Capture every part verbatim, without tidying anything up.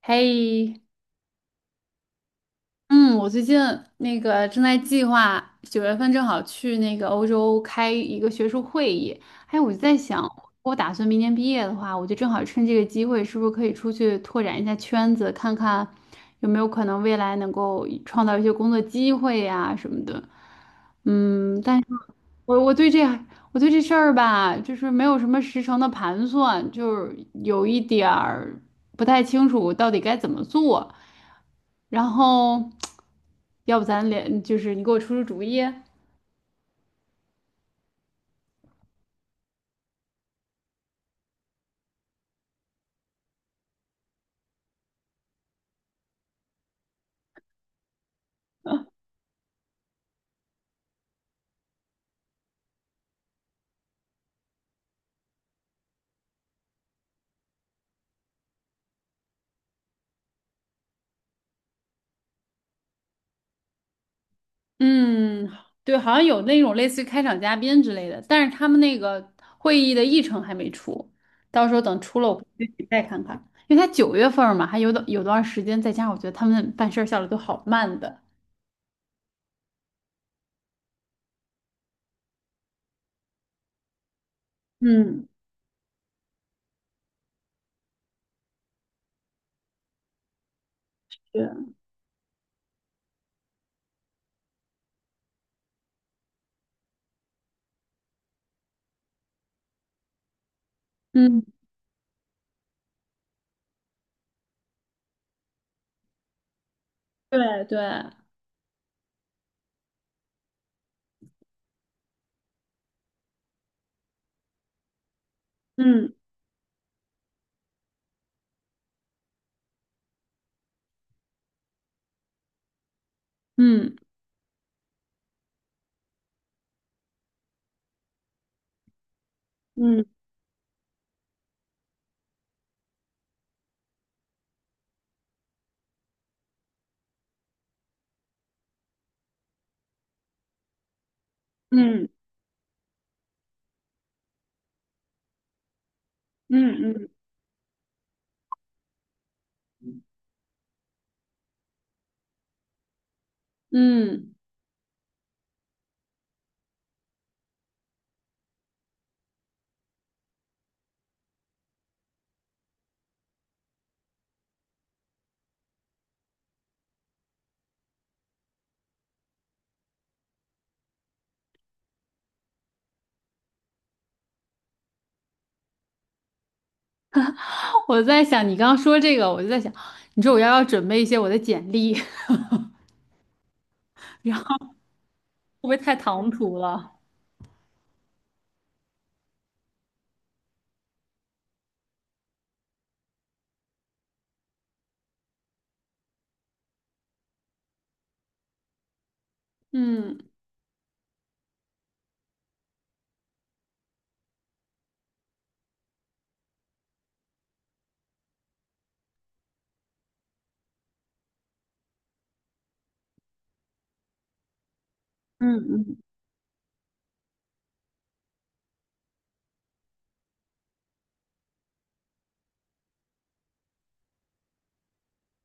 嘿，嗯，我最近那个正在计划，九月份正好去那个欧洲开一个学术会议。哎，我就在想，我打算明年毕业的话，我就正好趁这个机会，是不是可以出去拓展一下圈子，看看有没有可能未来能够创造一些工作机会呀、什么的。嗯，但。我我对这我对这事儿吧，就是没有什么实诚的盘算，就是有一点儿不太清楚到底该怎么做。然后，要不咱俩就是你给我出出主意？嗯，对，好像有那种类似于开场嘉宾之类的，但是他们那个会议的议程还没出，到时候等出了我具体再看看，因为他九月份儿嘛，还有的有段时间，再加上我觉得他们办事儿效率都好慢的。嗯。对。嗯。对对。嗯嗯嗯嗯嗯嗯嗯，我在想你刚刚说这个，我就在想，你说我要不要准备一些我的简历，然后会不会太唐突了？嗯。嗯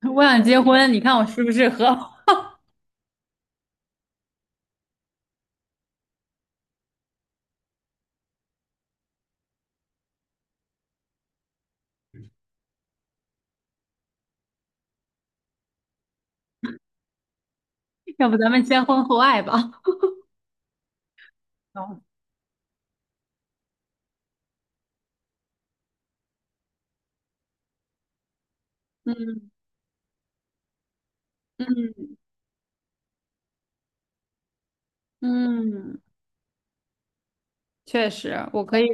嗯我想结婚，你看我适不适合？要不咱们先婚后爱吧？哦。嗯。嗯嗯，确实，我可以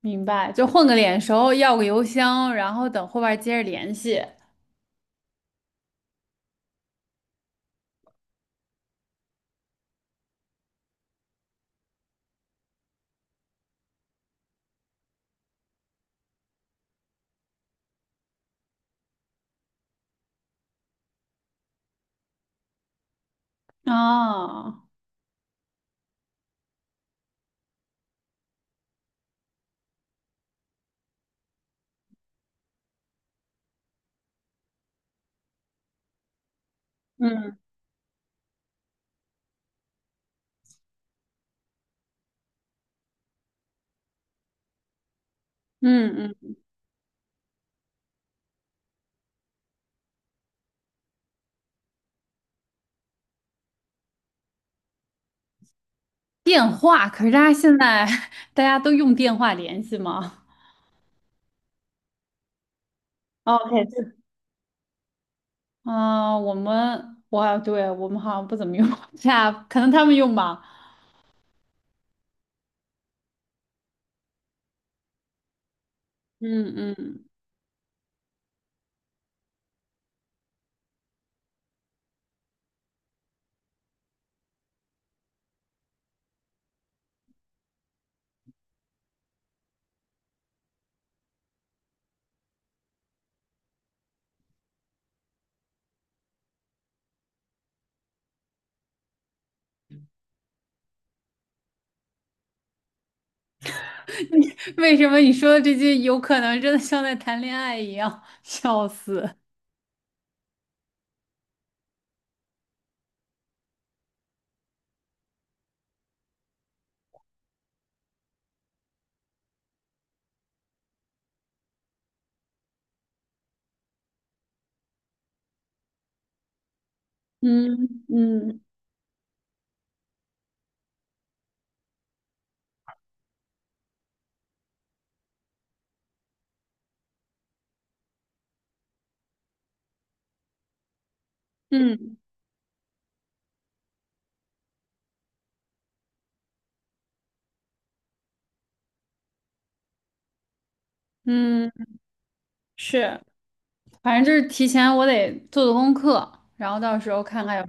明白，就混个脸熟，要个邮箱，然后等后边接着联系。哦。嗯嗯嗯电话，可是大家现在 大家都用电话联系吗？OK，这啊、我们，哇，对，我们好像不怎么用 w h 可能他们用吧。嗯嗯。为什么你说的这些有可能真的像在谈恋爱一样？笑死。嗯嗯嗯嗯，是，反正就是提前我得做做功课，然后到时候看看有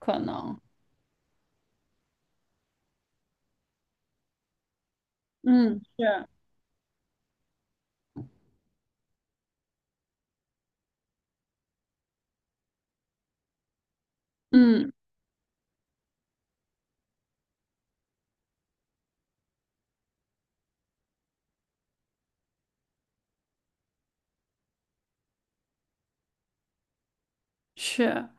可能。嗯，是。嗯。是。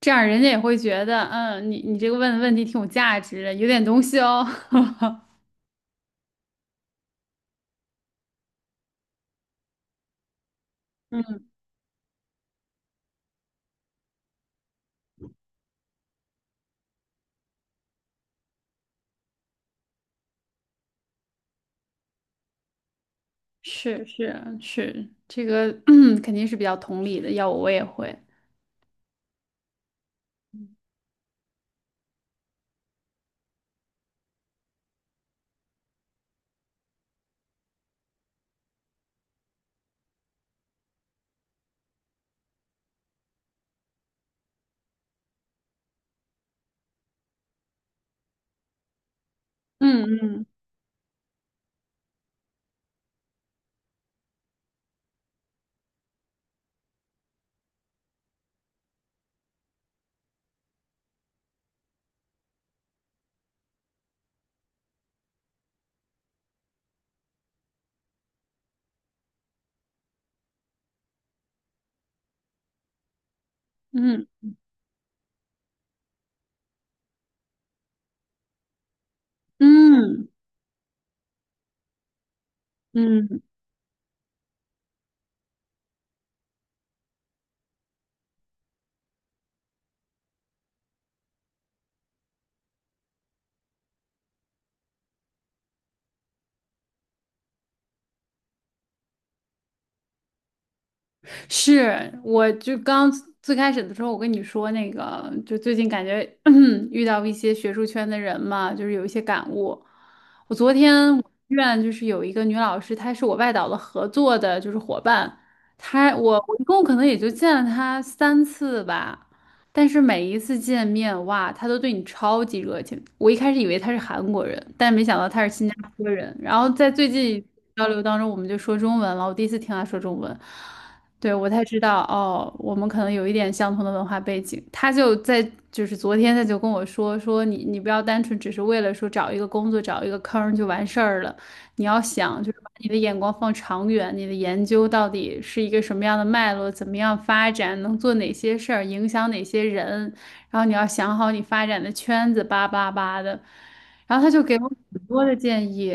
这样人家也会觉得，嗯，你你这个问的问题挺有价值的，有点东西哦。嗯，是是是，这个 肯定是比较同理的，要我我也会。嗯嗯嗯嗯嗯。是，我就刚最开始的时候，我跟你说那个，就最近感觉 遇到一些学术圈的人嘛，就是有一些感悟。我昨天我院就是有一个女老师，她是我外导的合作的，就是伙伴。她我我一共可能也就见了她三次吧，但是每一次见面，哇，她都对你超级热情。我一开始以为她是韩国人，但没想到她是新加坡人。然后在最近交流当中，我们就说中文了，我第一次听她说中文。对，我才知道哦，我们可能有一点相同的文化背景。他就在就是昨天他就跟我说说你你不要单纯只是为了说找一个工作找一个坑儿就完事儿了，你要想就是把你的眼光放长远，你的研究到底是一个什么样的脉络，怎么样发展，能做哪些事儿，影响哪些人，然后你要想好你发展的圈子，叭叭叭的。然后他就给我很多的建议，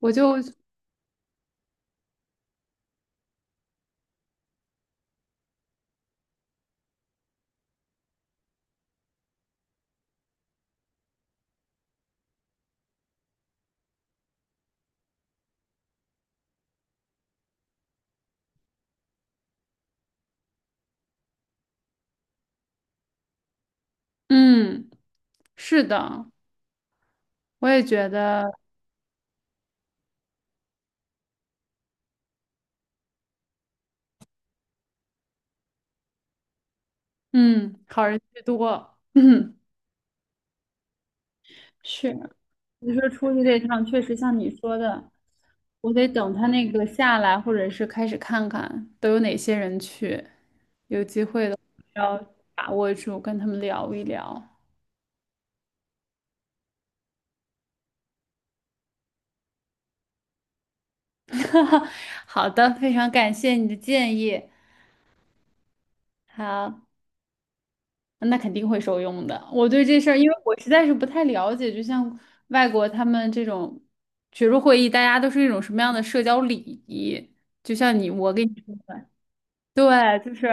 我就嗯，是的，我也觉得。嗯，好人居多。嗯 是，你说出去这趟确实像你说的，我得等他那个下来，或者是开始看看都有哪些人去，要把握住，跟他们聊一聊。好的，非常感谢你的建议。好，那肯定会受用的。我对这事儿，因为我实在是不太了解，就像外国他们这种学术会议，大家都是一种什么样的社交礼仪？就像你，我跟你说的。对，就是，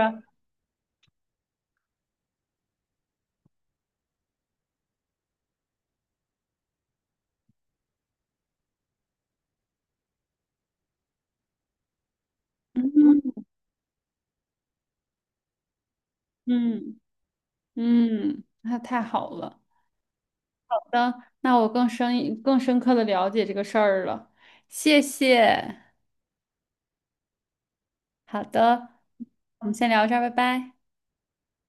嗯嗯，那太好了。好的，那我更深一更深刻的了解这个事儿了，谢谢。好的，我们先聊这儿，拜拜。